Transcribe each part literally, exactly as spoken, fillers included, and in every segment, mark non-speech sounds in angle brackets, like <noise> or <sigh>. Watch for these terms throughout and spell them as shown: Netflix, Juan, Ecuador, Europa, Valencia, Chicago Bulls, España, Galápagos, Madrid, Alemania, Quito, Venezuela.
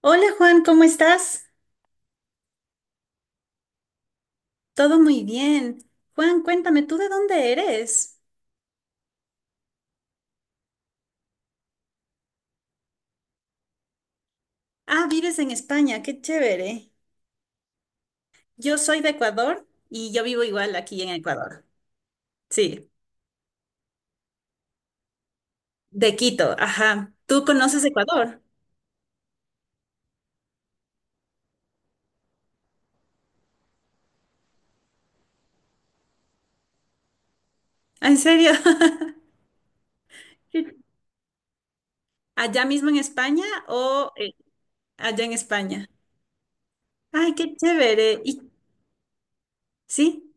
Hola Juan, ¿cómo estás? Todo muy bien. Juan, cuéntame, ¿tú de dónde eres? Ah, vives en España, qué chévere. Yo soy de Ecuador y yo vivo igual aquí en Ecuador. Sí, de Quito, ajá. ¿Tú conoces Ecuador? Ah, ¿en serio? <laughs> Sí. ¿Allá mismo en España o eh, allá en España? Ay, qué chévere. ¿Y sí?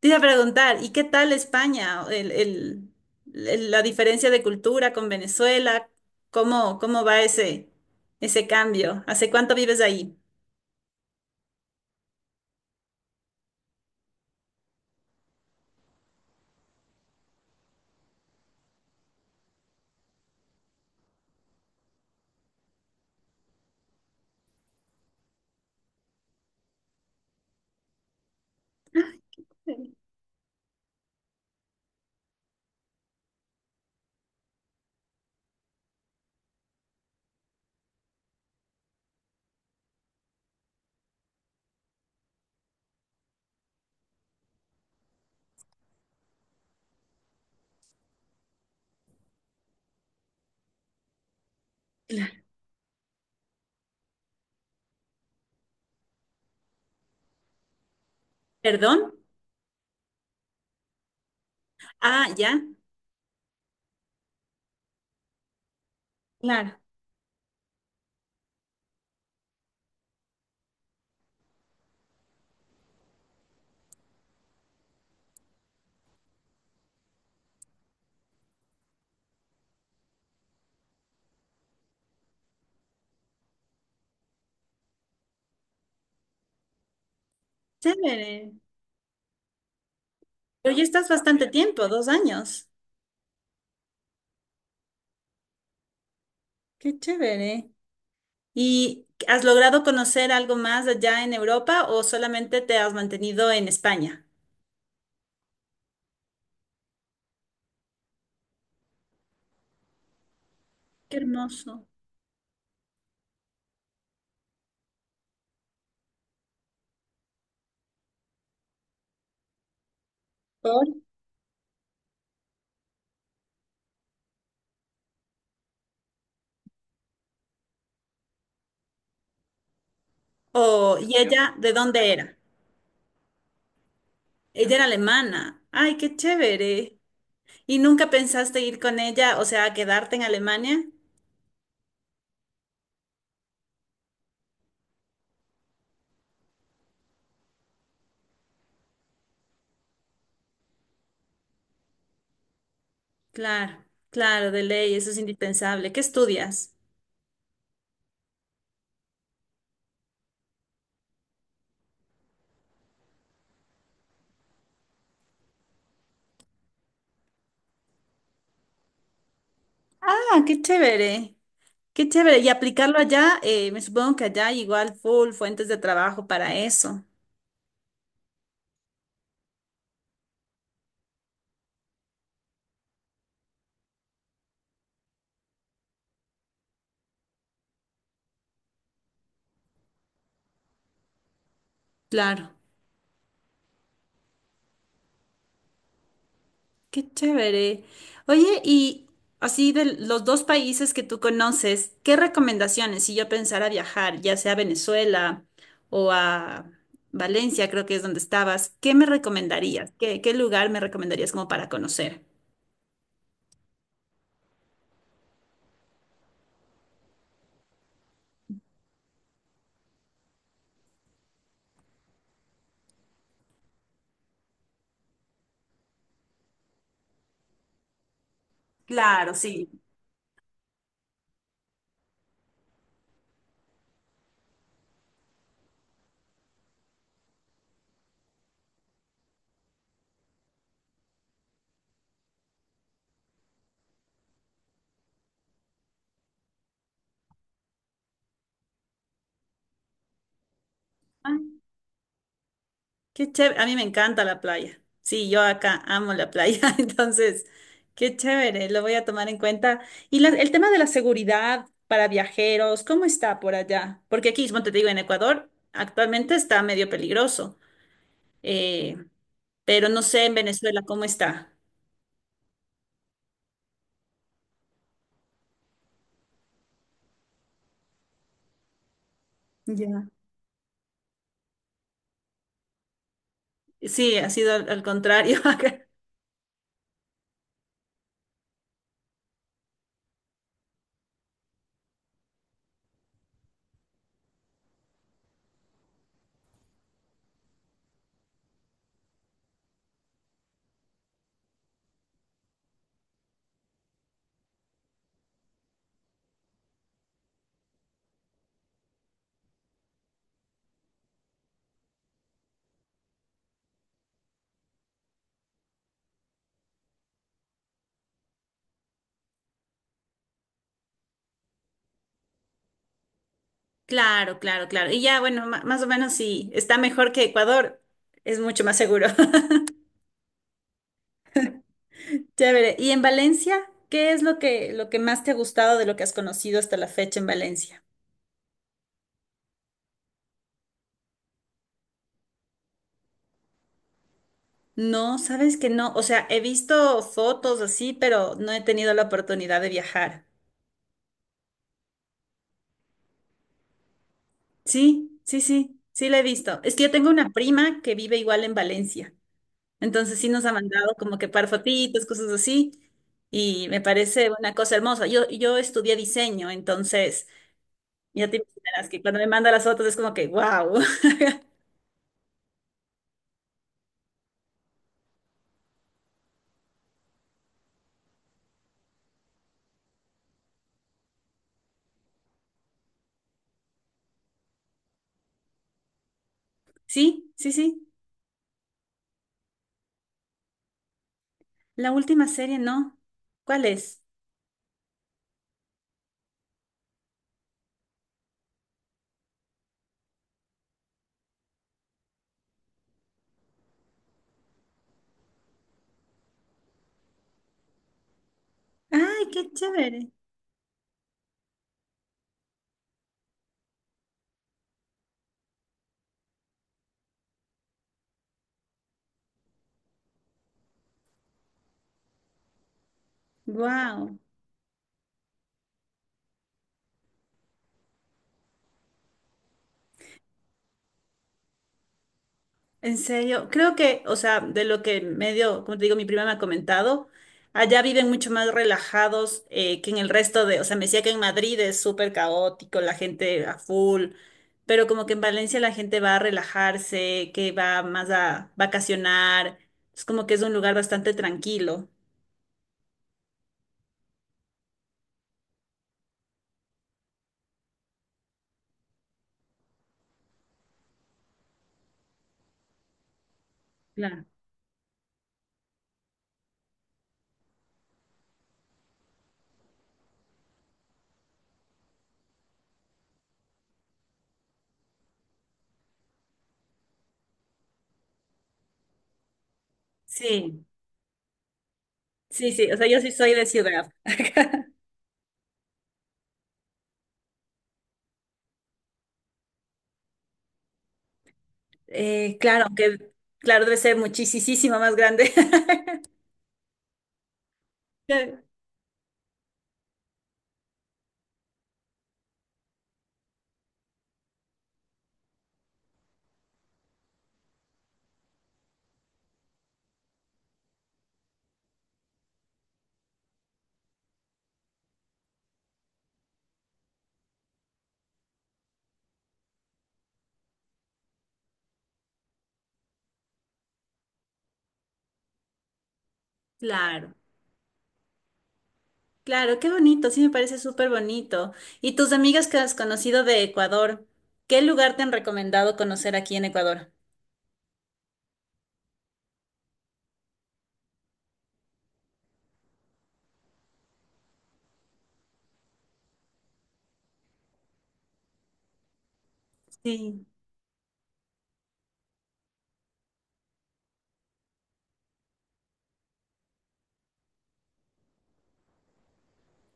Te iba a preguntar, ¿y qué tal España? El, el- el- la diferencia de cultura con Venezuela, ¿cómo, cómo va ese, ese cambio? ¿Hace cuánto vives ahí? Claro. ¿Perdón? Ah, ya. Claro. Chévere. Pero ya estás bastante tiempo, dos años. Qué chévere. ¿Y has logrado conocer algo más allá en Europa o solamente te has mantenido en España? Qué hermoso. Por- O, ¿y ella de dónde era? Ella era alemana. Ay, qué chévere. ¿Y nunca pensaste ir con ella, o sea, a quedarte en Alemania? Claro, claro, de ley, eso es indispensable. ¿Qué estudias? Ah, qué chévere. Qué chévere. Y aplicarlo allá, eh, me supongo que allá hay igual full fuentes de trabajo para eso. Claro. Qué chévere. Oye, y así de los dos países que tú conoces, ¿qué recomendaciones si yo pensara viajar, ya sea a Venezuela o a Valencia, creo que es donde estabas, ¿qué me recomendarías? ¿Qué, qué lugar me recomendarías como para conocer? Claro, sí. Qué chévere, a mí me encanta la playa. Sí, yo acá amo la playa, <laughs> entonces, qué chévere, lo voy a tomar en cuenta. Y la- el tema de la seguridad para viajeros, ¿cómo está por allá? Porque aquí, como te digo, en Ecuador actualmente está medio peligroso, eh, pero no sé en Venezuela cómo está. Ya. Sí, ha sido al, al contrario. <laughs> Acá. Claro, claro, claro. Y ya, bueno, ma- más o menos sí, está mejor que Ecuador, es mucho más seguro. Chévere. ¿Y en Valencia? ¿Qué es lo que, lo que más te ha gustado de lo que has conocido hasta la fecha en Valencia? No, sabes que no. O sea, he visto fotos así, pero no he tenido la oportunidad de viajar. Sí, sí, sí, sí la he visto. Es que yo tengo una prima que vive igual en Valencia. Entonces sí nos ha mandado como que par fotitos, cosas así. Y me parece una cosa hermosa. Yo, yo estudié diseño, entonces ya te imaginarás que cuando me manda las fotos es como que, wow. <laughs> Sí, sí, sí. La última serie no. ¿Cuál es? ¡Ay, qué chévere! ¡Wow! En serio, creo que, o sea, de lo que medio, como te digo, mi prima me ha comentado, allá viven mucho más relajados eh, que en el resto de, o sea, me decía que en Madrid es súper caótico, la gente a full, pero como que en Valencia la gente va a relajarse, que va más a vacacionar, es como que es un lugar bastante tranquilo. Claro. Sí, sí, sí, o sea, yo sí soy de ciudad. <laughs> Eh, claro, aunque claro, debe ser muchísimo más grande. <laughs> Qué- Claro, claro, qué bonito, sí me parece súper bonito. ¿Y tus amigas que has conocido de Ecuador, qué lugar te han recomendado conocer aquí en Ecuador? Sí,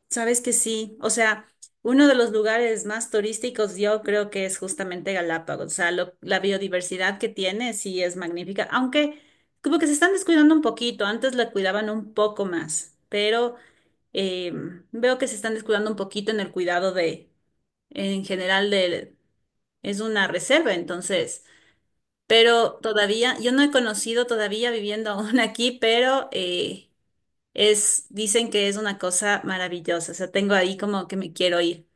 sabes que sí. O sea, uno de los lugares más turísticos yo creo que es justamente Galápagos. O sea, lo- la biodiversidad que tiene sí es magnífica, aunque como que se están descuidando un poquito, antes la cuidaban un poco más, pero eh, veo que se están descuidando un poquito en el cuidado de, en general, de, es una reserva, entonces, pero todavía, yo no he conocido todavía viviendo <laughs> aún aquí, pero eh, es, dicen que es una cosa maravillosa, o sea, tengo ahí como que me quiero ir.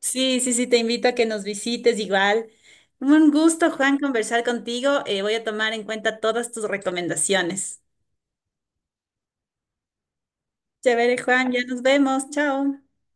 Sí, sí, sí, te invito a que nos visites igual. Un gusto, Juan, conversar contigo. Eh, voy a tomar en cuenta todas tus recomendaciones. Chévere, Juan, ya nos vemos. Chao.